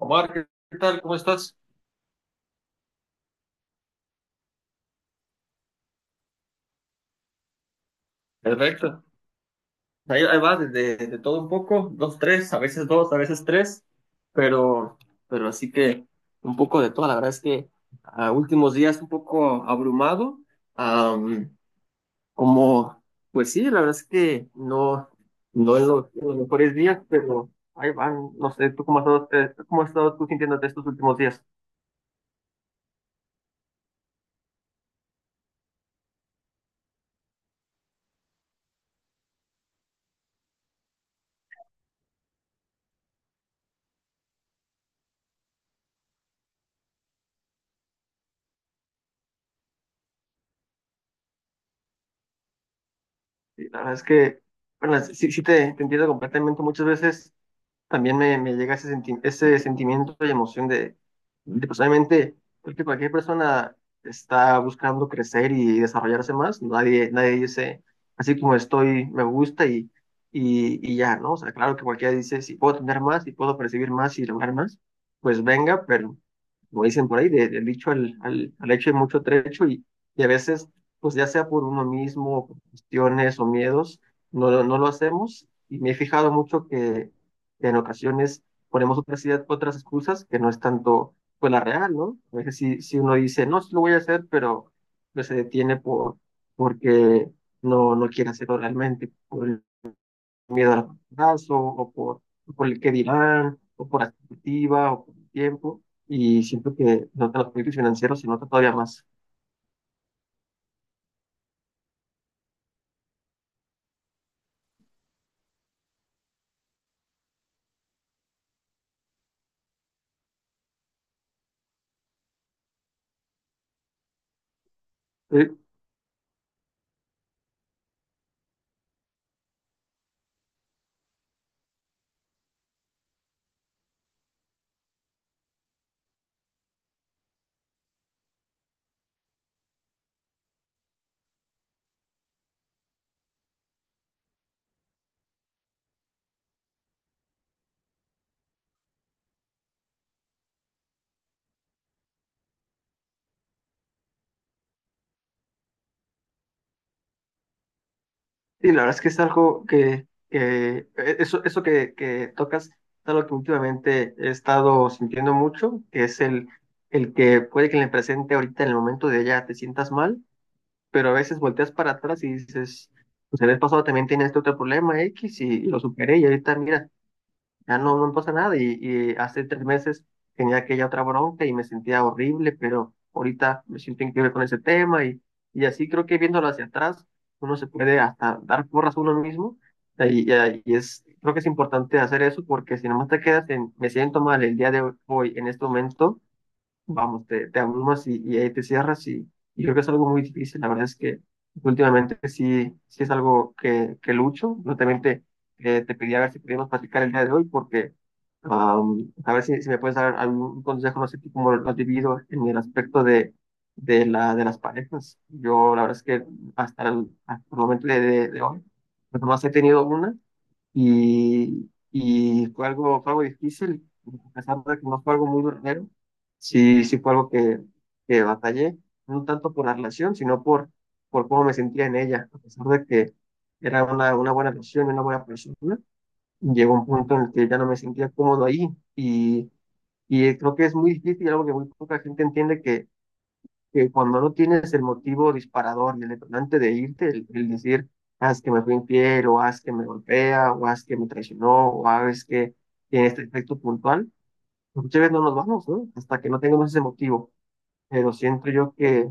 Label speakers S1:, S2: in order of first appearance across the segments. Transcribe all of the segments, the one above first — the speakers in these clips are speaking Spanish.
S1: Omar, ¿qué tal? ¿Cómo estás? Perfecto. Ahí va, de todo un poco, dos, tres, a veces dos, a veces tres, pero, pero así que un poco de todo. La verdad es que a últimos días un poco abrumado, am, como, pues sí, la verdad es que no en los mejores días, pero ahí van, no sé, ¿tú cómo has estado tú sintiéndote estos últimos días? Sí, la verdad es que, bueno, sí, te entiendo completamente muchas veces. También me llega ese sentimiento y emoción de, pues obviamente, creo que cualquier persona está buscando crecer y desarrollarse más, nadie dice, así como estoy, me gusta y ya, ¿no? O sea, claro que cualquiera dice, si puedo tener más, si puedo percibir más y lograr más, pues venga, pero como dicen por ahí, del dicho al hecho hay mucho trecho y a veces, pues ya sea por uno mismo, por cuestiones o miedos, no lo hacemos. Y me he fijado mucho que en ocasiones ponemos otras ideas, otras excusas que no es tanto pues la real, ¿no? A veces si uno dice, no, sí lo voy a hacer, pero pues, se detiene porque no quiere hacerlo realmente, por el miedo al fracaso, por el que dirán, o por la expectativa, o por el tiempo, y siento que no tan los proyectos financieros se nota todavía más. Sí, la verdad es que es algo que, eso, que tocas es algo que últimamente he estado sintiendo mucho, que es el que puede que en el presente ahorita en el momento de allá te sientas mal, pero a veces volteas para atrás y dices, pues el mes pasado también tenía este otro problema X y lo superé y ahorita mira, ya no pasa nada. Y hace tres meses tenía aquella otra bronca y me sentía horrible, pero ahorita me siento increíble con ese tema y así creo que viéndolo hacia atrás, uno se puede hasta dar porras a uno mismo. Y es, creo que es importante hacer eso porque si nomás te quedas en, me siento mal el día de hoy, en este momento, vamos, te abrumas y ahí te cierras y creo que es algo muy difícil. La verdad es que últimamente sí, sí es algo que lucho. Yo también te pedí a ver si podíamos platicar el día de hoy porque a ver si, si me puedes dar algún consejo, no sé tú cómo lo has vivido en el aspecto de la, de las parejas. Yo la verdad es que hasta hasta el momento de hoy, pues nomás he tenido una y fue algo difícil, a pesar de que no fue algo muy duradero, sí, sí fue algo que batallé, no tanto por la relación, sino por cómo me sentía en ella, a pesar de que era una buena relación, una buena persona, llegó un punto en el que ya no me sentía cómodo ahí y, y creo que es muy difícil, algo que muy poca gente entiende que cuando no tienes el motivo disparador y el detonante de irte, el decir, haz que me fue infiel, o haz que me golpea, o haz que me traicionó, o haz que tiene este efecto puntual, muchas veces no nos vamos, ¿no? Hasta que no tengamos ese motivo. Pero siento yo que,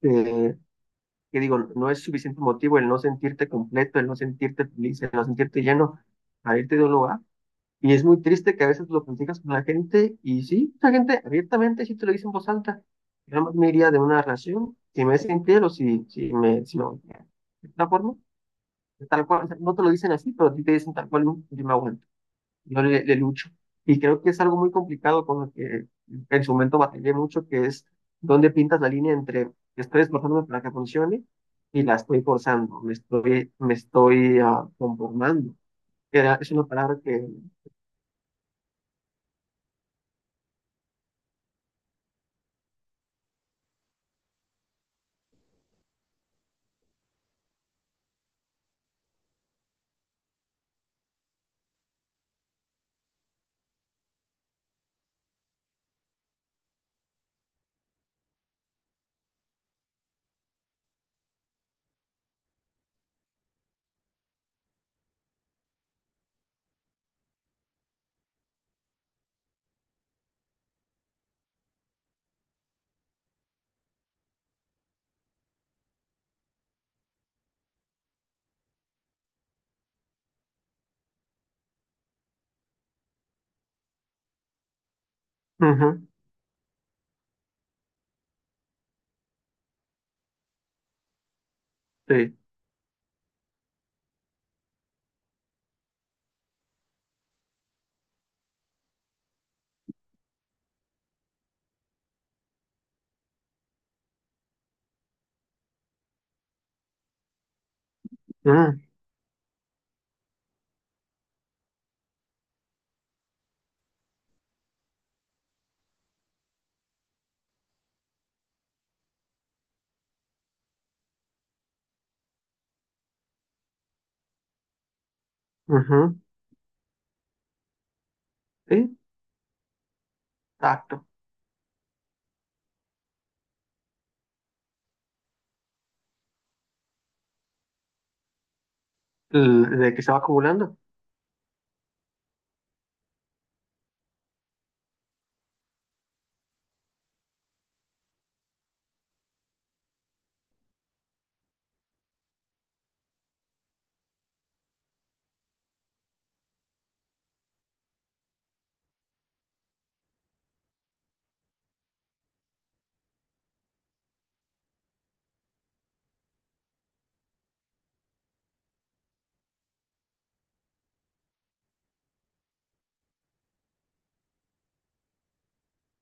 S1: que, que digo, no es suficiente motivo el no sentirte completo, el no sentirte feliz, el no sentirte lleno para irte de un lugar. Y es muy triste que a veces lo platicas con la gente y sí, la gente abiertamente sí te lo dice en voz alta. Yo más me iría de una relación si me es infiel o si, si me... Si me golpea de tal forma, de tal cual, o sea, no te lo dicen así, pero a ti te dicen tal cual, yo me aguanto, yo le lucho. Y creo que es algo muy complicado con lo que en su momento batallé mucho, que es dónde pintas la línea entre estoy esforzándome para que funcione y la estoy forzando, me estoy conformando. Era, es una palabra que... ujú, sí. Mm, ujú. Sí, exacto. L- De que se va acumulando.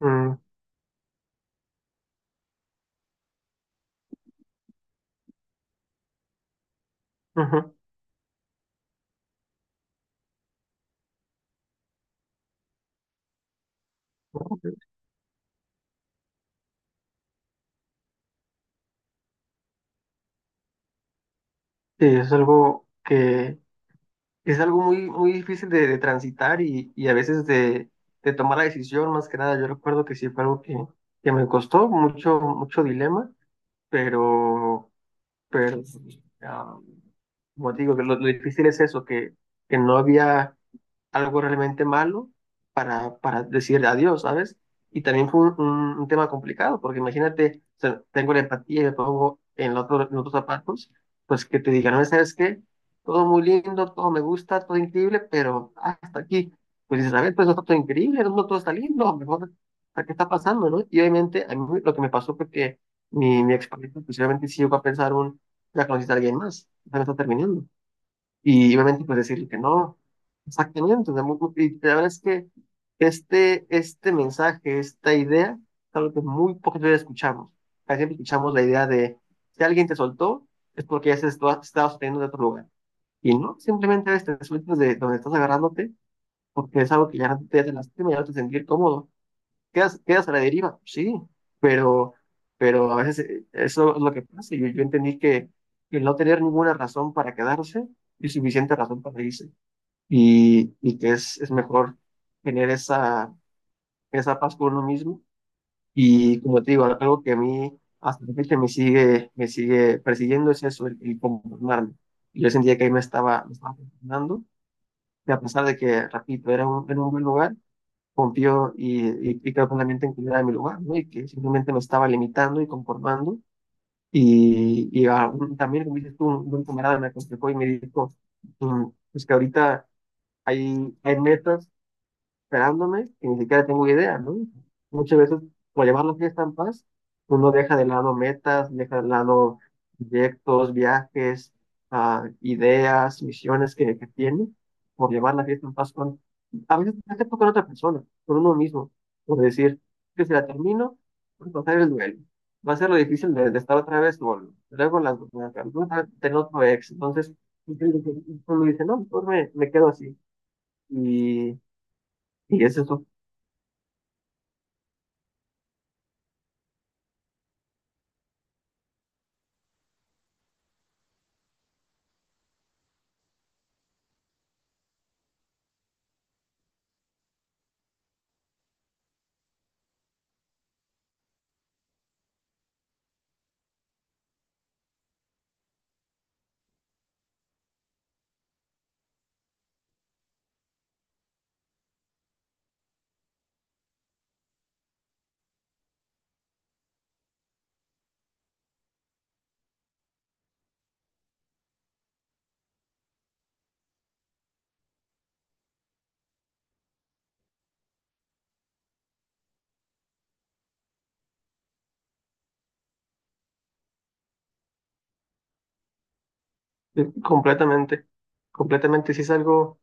S1: Mm, ujú. Sí, es algo que es algo muy, muy difícil de transitar y a veces de tomar la decisión, más que nada. Yo recuerdo que sí fue algo que me costó mucho, mucho dilema, pero, pero ah, como te digo, que lo difícil es eso, que no había algo realmente malo para decir adiós, ¿sabes? Y también fue un tema complicado, porque imagínate, o sea, tengo la empatía y me pongo en en los otros zapatos, pues que te digan, no, ¿sabes qué? Todo muy lindo, todo me gusta, todo increíble, pero hasta aquí, pues dices, a ver, pues no está todo increíble, no, no todo está lindo, mejor, ¿a ¿qué está pasando, no? Y obviamente a mí lo que me pasó fue que mi expareja, pues obviamente sí llegó a pensar un, ya conociste a alguien más, ya me está terminando. Y obviamente pues decirle que no, exactamente. O sea, muy- muy- y la verdad es que este mensaje, esta idea, es algo que muy pocas veces escuchamos. Casi siempre escuchamos la idea de, si alguien te soltó, es porque ya estaba sosteniendo de otro lugar. Y no, simplemente a veces te sueltas de donde estás agarrándote, porque es algo que ya no te hace lastima, ya no te hace sentir cómodo, quedas, quedas a la deriva, sí, pero, pero a veces eso es lo que pasa. Yo entendí que el no tener ninguna razón para quedarse es suficiente razón para irse y que es mejor tener esa, esa paz con uno mismo. Y como te digo, algo que a mí hasta la fecha me sigue persiguiendo es eso, el conformarme. Yo sentía que ahí me estaba conformando, y a pesar de que, repito, era un buen lugar confió y y, quedó totalmente inclinada en mi lugar, ¿no? Y que simplemente me estaba limitando y conformando. Y también, como dices tú, un camarada me aconsejó y me dijo, mm, pues que ahorita hay metas esperándome y ni siquiera tengo idea, ¿no? Muchas veces, por llevar la fiesta en paz, uno deja de lado metas, deja de lado proyectos, viajes, ideas, misiones que tiene, por llevar la fiesta en paz con, a veces no tiempo con otra persona, con uno mismo, por decir, que si la termino, voy a pasar el duelo. Va a ser lo difícil de estar otra vez solo. Luego tener otro ex. Entonces, uno dice, no, mejor me quedo así. Y, y eso. Completamente, completamente. Sí es algo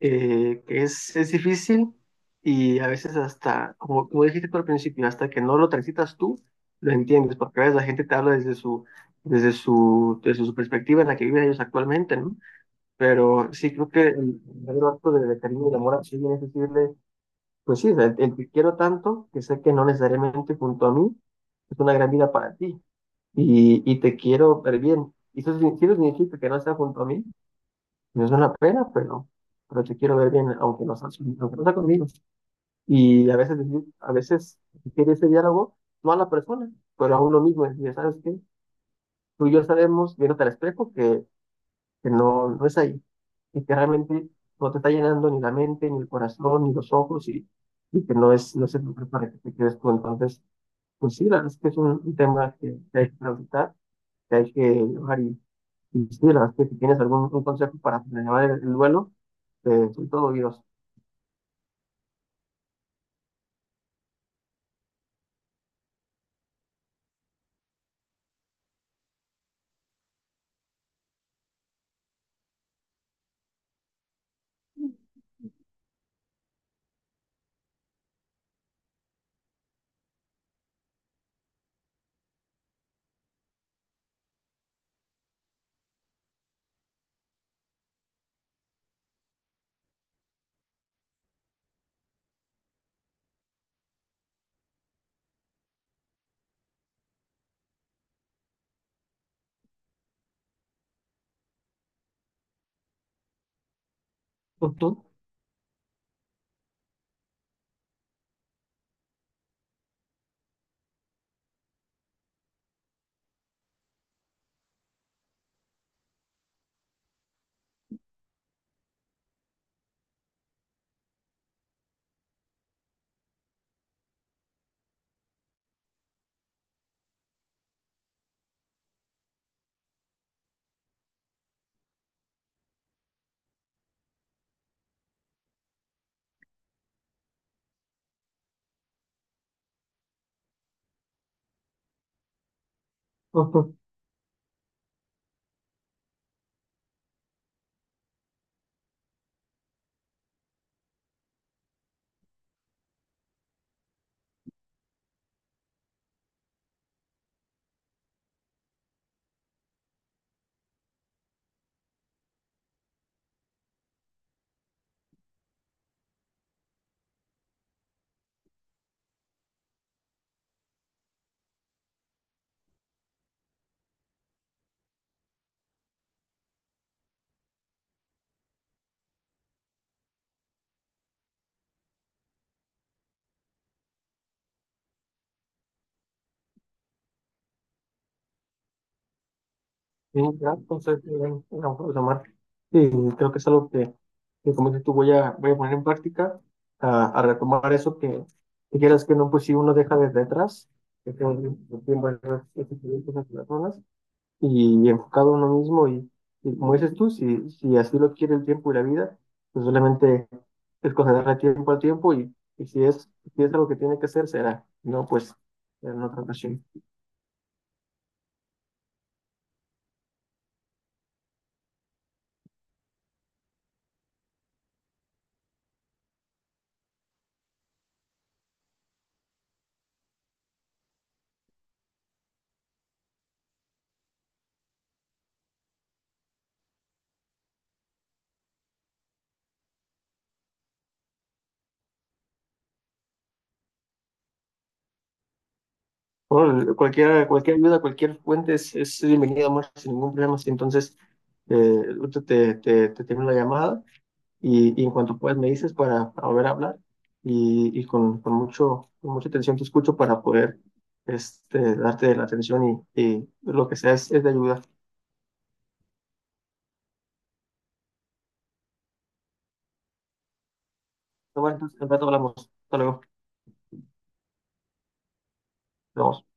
S1: que es difícil y a veces hasta, como, como dijiste tú al principio, hasta que no lo transitas tú, lo entiendes, porque a veces la gente te habla desde desde su perspectiva en la que viven ellos actualmente, ¿no? Pero sí creo que el verdadero acto de cariño y de amor así es decirle, pues sí, el que quiero tanto, que sé que no necesariamente junto a mí, es una gran vida para ti y te quiero ver bien. Y eso, sí- sí lo significa que no está junto a mí no es una pena, pero te quiero ver bien, aunque no seas, aunque no sea conmigo. Y a veces, a veces quiere ese diálogo, no a la persona, pero a uno mismo. Es decir, ¿sabes que tú y yo sabemos, viéndote al espejo, que no, no es ahí. Y que realmente no te está llenando ni la mente, ni el corazón, ni los ojos, y que no es, no es el lugar para que te quedes tú. Entonces, pues sí, la verdad es que es un tema que hay que transitar, que hay que llevar y sí, la verdad es que si tienes algún un consejo para llevar el duelo, soy todo oídos. Ujú, ujú. Sí, ya, entonces, no puedo tomar. Sí, creo que es algo que como dices tú, voy a, voy a poner en práctica, a retomar eso que quieras que no, pues si uno deja desde atrás, que tengo un tiempo de esas personas, y enfocado a uno mismo y como dices tú, si, si así lo quiere el tiempo y la vida, pues solamente es concederle tiempo al tiempo y si es, si es algo que tiene que hacer, será, no, pues en otra ocasión. Bueno, cualquier, cualquier ayuda, cualquier fuente es bienvenida, Omar, sin ningún problema. Sí, entonces, ahorita te termino la llamada. Y en cuanto puedas me dices para volver a hablar y con mucho, con mucha atención te escucho para poder este, darte la atención y lo que sea es de ayuda. Bueno, entonces, en rato hablamos. Hasta luego. Nos vemos.